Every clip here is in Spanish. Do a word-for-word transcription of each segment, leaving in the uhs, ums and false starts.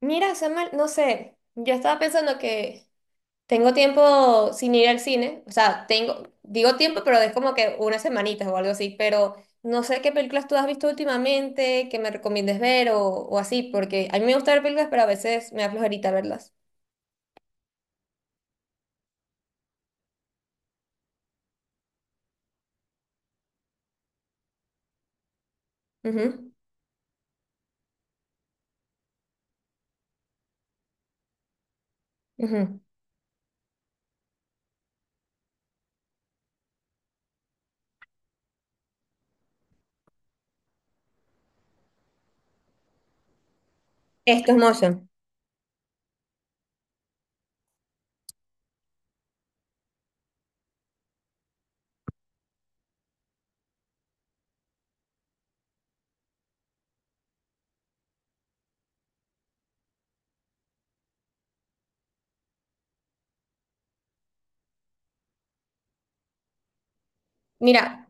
Mira, Samuel, no sé, yo estaba pensando que tengo tiempo sin ir al cine, o sea, tengo, digo tiempo, pero es como que unas semanitas o algo así, pero no sé qué películas tú has visto últimamente, que me recomiendes ver o, o así, porque a mí me gusta ver películas, pero a veces me da flojerita verlas. Ujú, ujú. Esto es motion. Mira.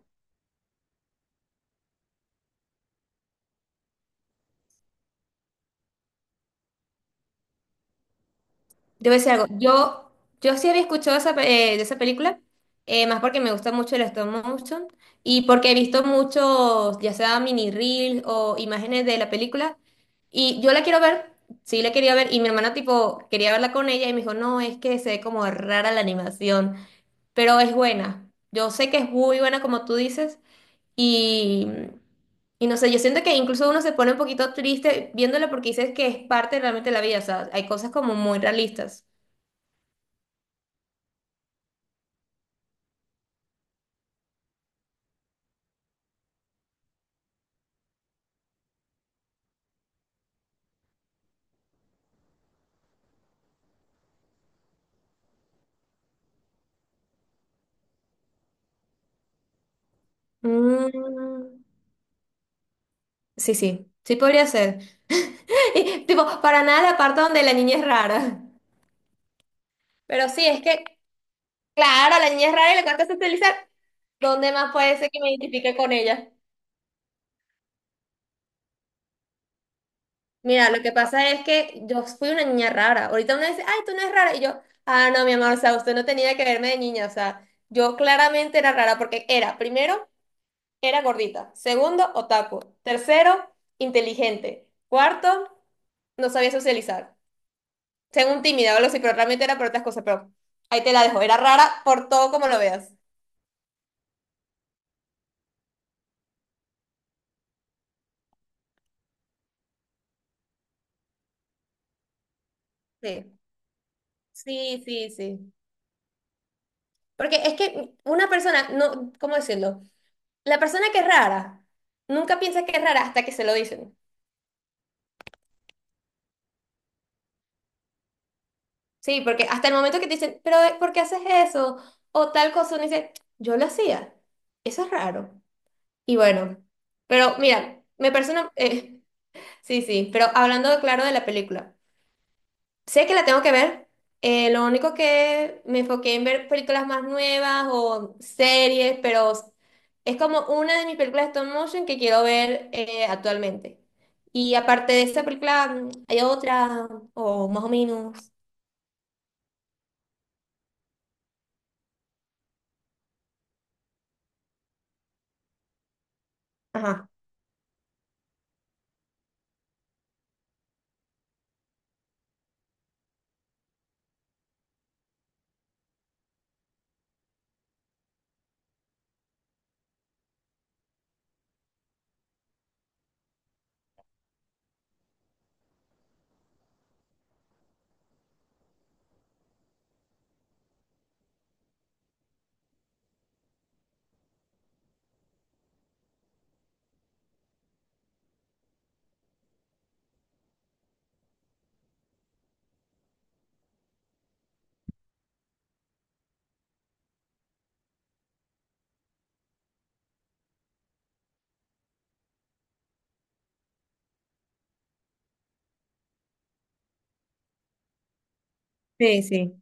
Debo decir algo. Yo, yo sí había escuchado esa, pe- eh, de esa película, eh, más porque me gusta mucho el stop motion y porque he visto muchos, ya sea mini reels o imágenes de la película. Y yo la quiero ver, sí la quería ver. Y mi hermana, tipo, quería verla con ella y me dijo, no, es que se ve como rara la animación, pero es buena. Yo sé que es muy buena, como tú dices. Y, y no sé, yo siento que incluso uno se pone un poquito triste viéndola porque dices que es parte realmente de la vida. O sea, hay cosas como muy realistas. Mm, sí, sí, sí podría ser. Y, tipo, para nada la parte donde la niña es rara. Pero sí, es que, claro, la niña es rara y le encanta socializar. ¿Dónde más puede ser que me identifique con ella? Mira, lo que pasa es que yo fui una niña rara. Ahorita uno dice, ay, tú no eres rara. Y yo, ah, no, mi amor, o sea, usted no tenía que verme de niña. O sea, yo claramente era rara porque era, primero, era gordita. Segundo, otaku. Tercero, inteligente. Cuarto, no sabía socializar. Tengo un tímida o algo así, pero realmente era por otras cosas, pero ahí te la dejo. Era rara por todo como lo veas. Sí, sí, sí, sí. Porque es que una persona, no, ¿cómo decirlo? La persona que es rara, nunca piensa que es rara hasta que se lo dicen. Sí, porque hasta el momento que te dicen, pero eh, ¿por qué haces eso? O tal cosa, uno dice, yo lo hacía. Eso es raro. Y bueno, pero mira, me persona, eh, sí, sí, pero hablando claro de la película. Sé que la tengo que ver. Eh, lo único que me enfoqué en ver películas más nuevas o series, pero es como una de mis películas de stop motion que quiero ver eh, actualmente. Y aparte de esta película, mm, hay otra, o más o menos. Ajá. Sí, sí.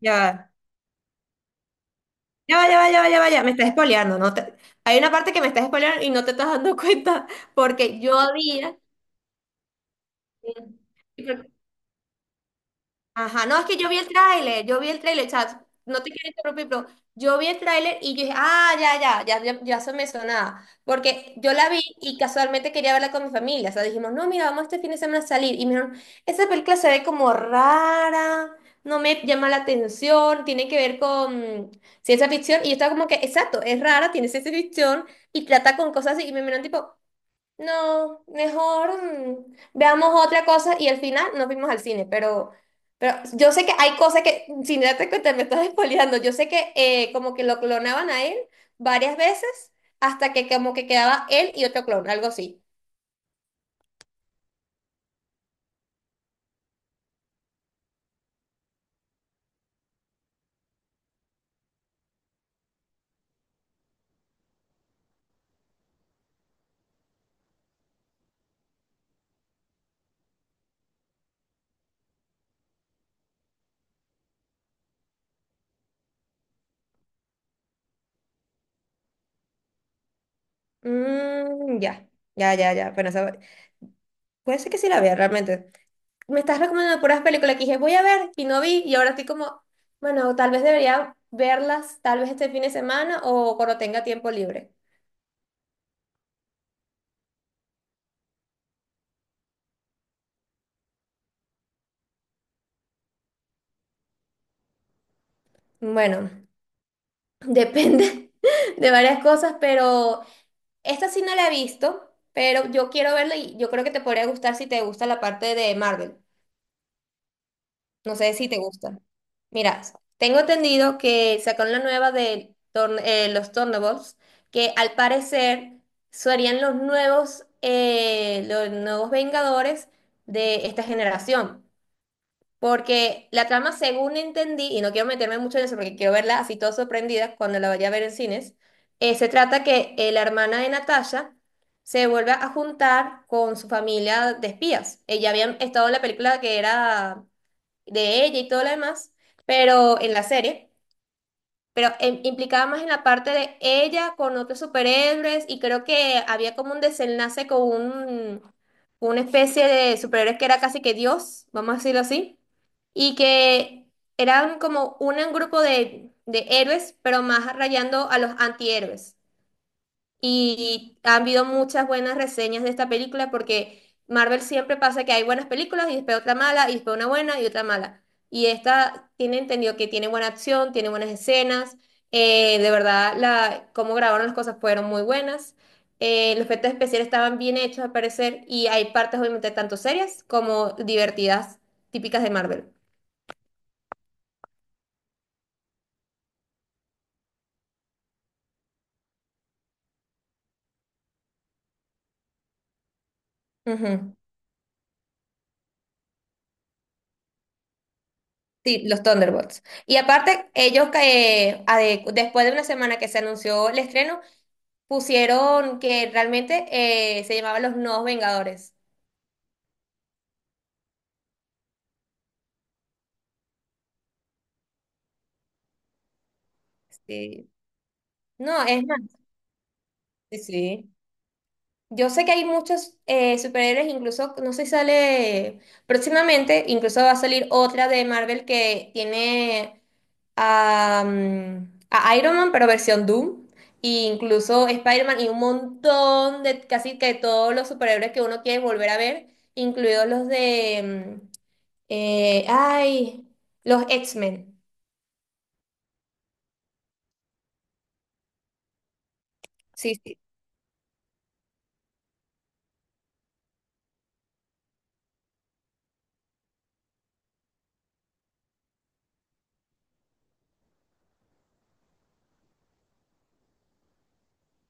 Ya va. Ya va, ya va, ya va, ya va, ya. Me estás spoileando, ¿no? te- Hay una parte que me estás spoileando y no te estás dando cuenta porque yo había... Ajá, no, es que yo vi el tráiler, yo vi el tráiler, o sea, no te quiero interrumpir, pero yo vi el tráiler y yo dije, ah, ya, ya, ya, ya, ya se me sonaba, porque yo la vi y casualmente quería verla con mi familia, o sea, dijimos, no, mira, vamos este fin de semana a salir, y me dijeron, esa película se ve como rara, no me llama la atención, tiene que ver con ciencia ficción, y yo estaba como que, exacto, es rara, tiene ciencia ficción, y trata con cosas así, y me miran tipo, no, mejor mm, veamos otra cosa y al final nos fuimos al cine, pero, pero yo sé que hay cosas que, mm, sin darte cuenta, me estás espoleando, yo sé que eh, como que lo clonaban a él varias veces hasta que como que quedaba él y otro clon, algo así. Mm, ya, ya, ya, ya, bueno, esa- puede ser que sí la vea realmente. Me estás recomendando puras películas que dije voy a ver y no vi y ahora estoy como, bueno, tal vez debería verlas tal vez este fin de semana o cuando tenga tiempo libre. Bueno. Depende de varias cosas, pero esta sí no la he visto, pero yo quiero verla y yo creo que te podría gustar si te gusta la parte de Marvel. No sé si te gusta. Mira, tengo entendido que sacaron la nueva de Thor- eh, los Thunderbolts, que al parecer serían los nuevos, eh, los nuevos Vengadores de esta generación. Porque la trama, según entendí, y no quiero meterme mucho en eso porque quiero verla así todo sorprendida cuando la vaya a ver en cines, eh, se trata que eh, la hermana de Natasha se vuelve a juntar con su familia de espías. Ella había estado en la película que era de ella y todo lo demás, pero en la serie, pero em- implicaba más en la parte de ella con otros superhéroes y creo que había como un desenlace con un, una especie de superhéroe que era casi que Dios, vamos a decirlo así y que eran como un grupo de, de héroes, pero más rayando a los antihéroes. Y han habido muchas buenas reseñas de esta película porque Marvel siempre pasa que hay buenas películas y después otra mala, y después una buena y otra mala. Y esta tiene entendido que tiene buena acción, tiene buenas escenas, eh, de verdad la, cómo grabaron las cosas fueron muy buenas. Eh, los efectos especiales estaban bien hechos al parecer y hay partes obviamente tanto serias como divertidas, típicas de Marvel. Ujú. Sí, los Thunderbolts. Y aparte, ellos eh, a de- después de una semana que se anunció el estreno, pusieron que realmente eh, se llamaban los Nuevos Vengadores. Sí. No, es más, sí, sí. Yo sé que hay muchos eh, superhéroes, incluso, no sé si sale próximamente, incluso va a salir otra de Marvel que tiene a, mm, a Iron Man, pero versión Doom, e incluso Spider-Man y un montón de casi que todos los superhéroes que uno quiere volver a ver, incluidos los de, mm, eh, ay, los X-Men. Sí, sí.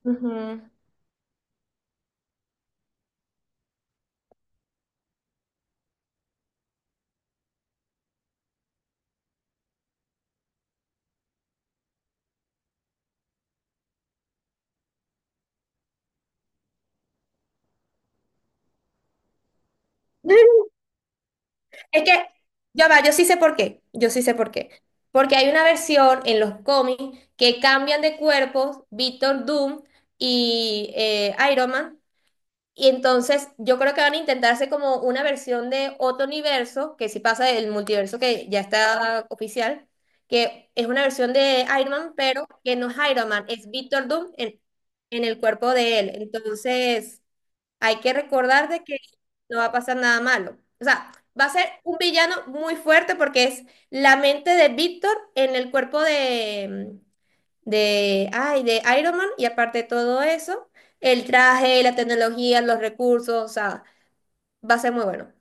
Ujú. Es que, ya va, yo sí sé por qué, yo sí sé por qué. Porque hay una versión en los cómics que cambian de cuerpos Víctor Doom y eh, Iron Man. Y entonces yo creo que van a intentarse como una versión de otro universo, que si pasa del multiverso que ya está oficial, que es una versión de Iron Man, pero que no es Iron Man, es Víctor Doom en, en el cuerpo de él. Entonces... Hay que recordar de que no va a pasar nada malo. O sea, va a ser un villano muy fuerte porque es la mente de Víctor en el cuerpo de, mm, de, ay, de Iron Man y aparte de todo eso, el traje, la tecnología, los recursos, o sea, va a ser muy bueno.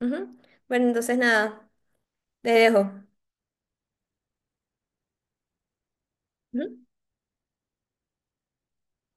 Ujú. Bueno, entonces nada, te dejo. Ujú.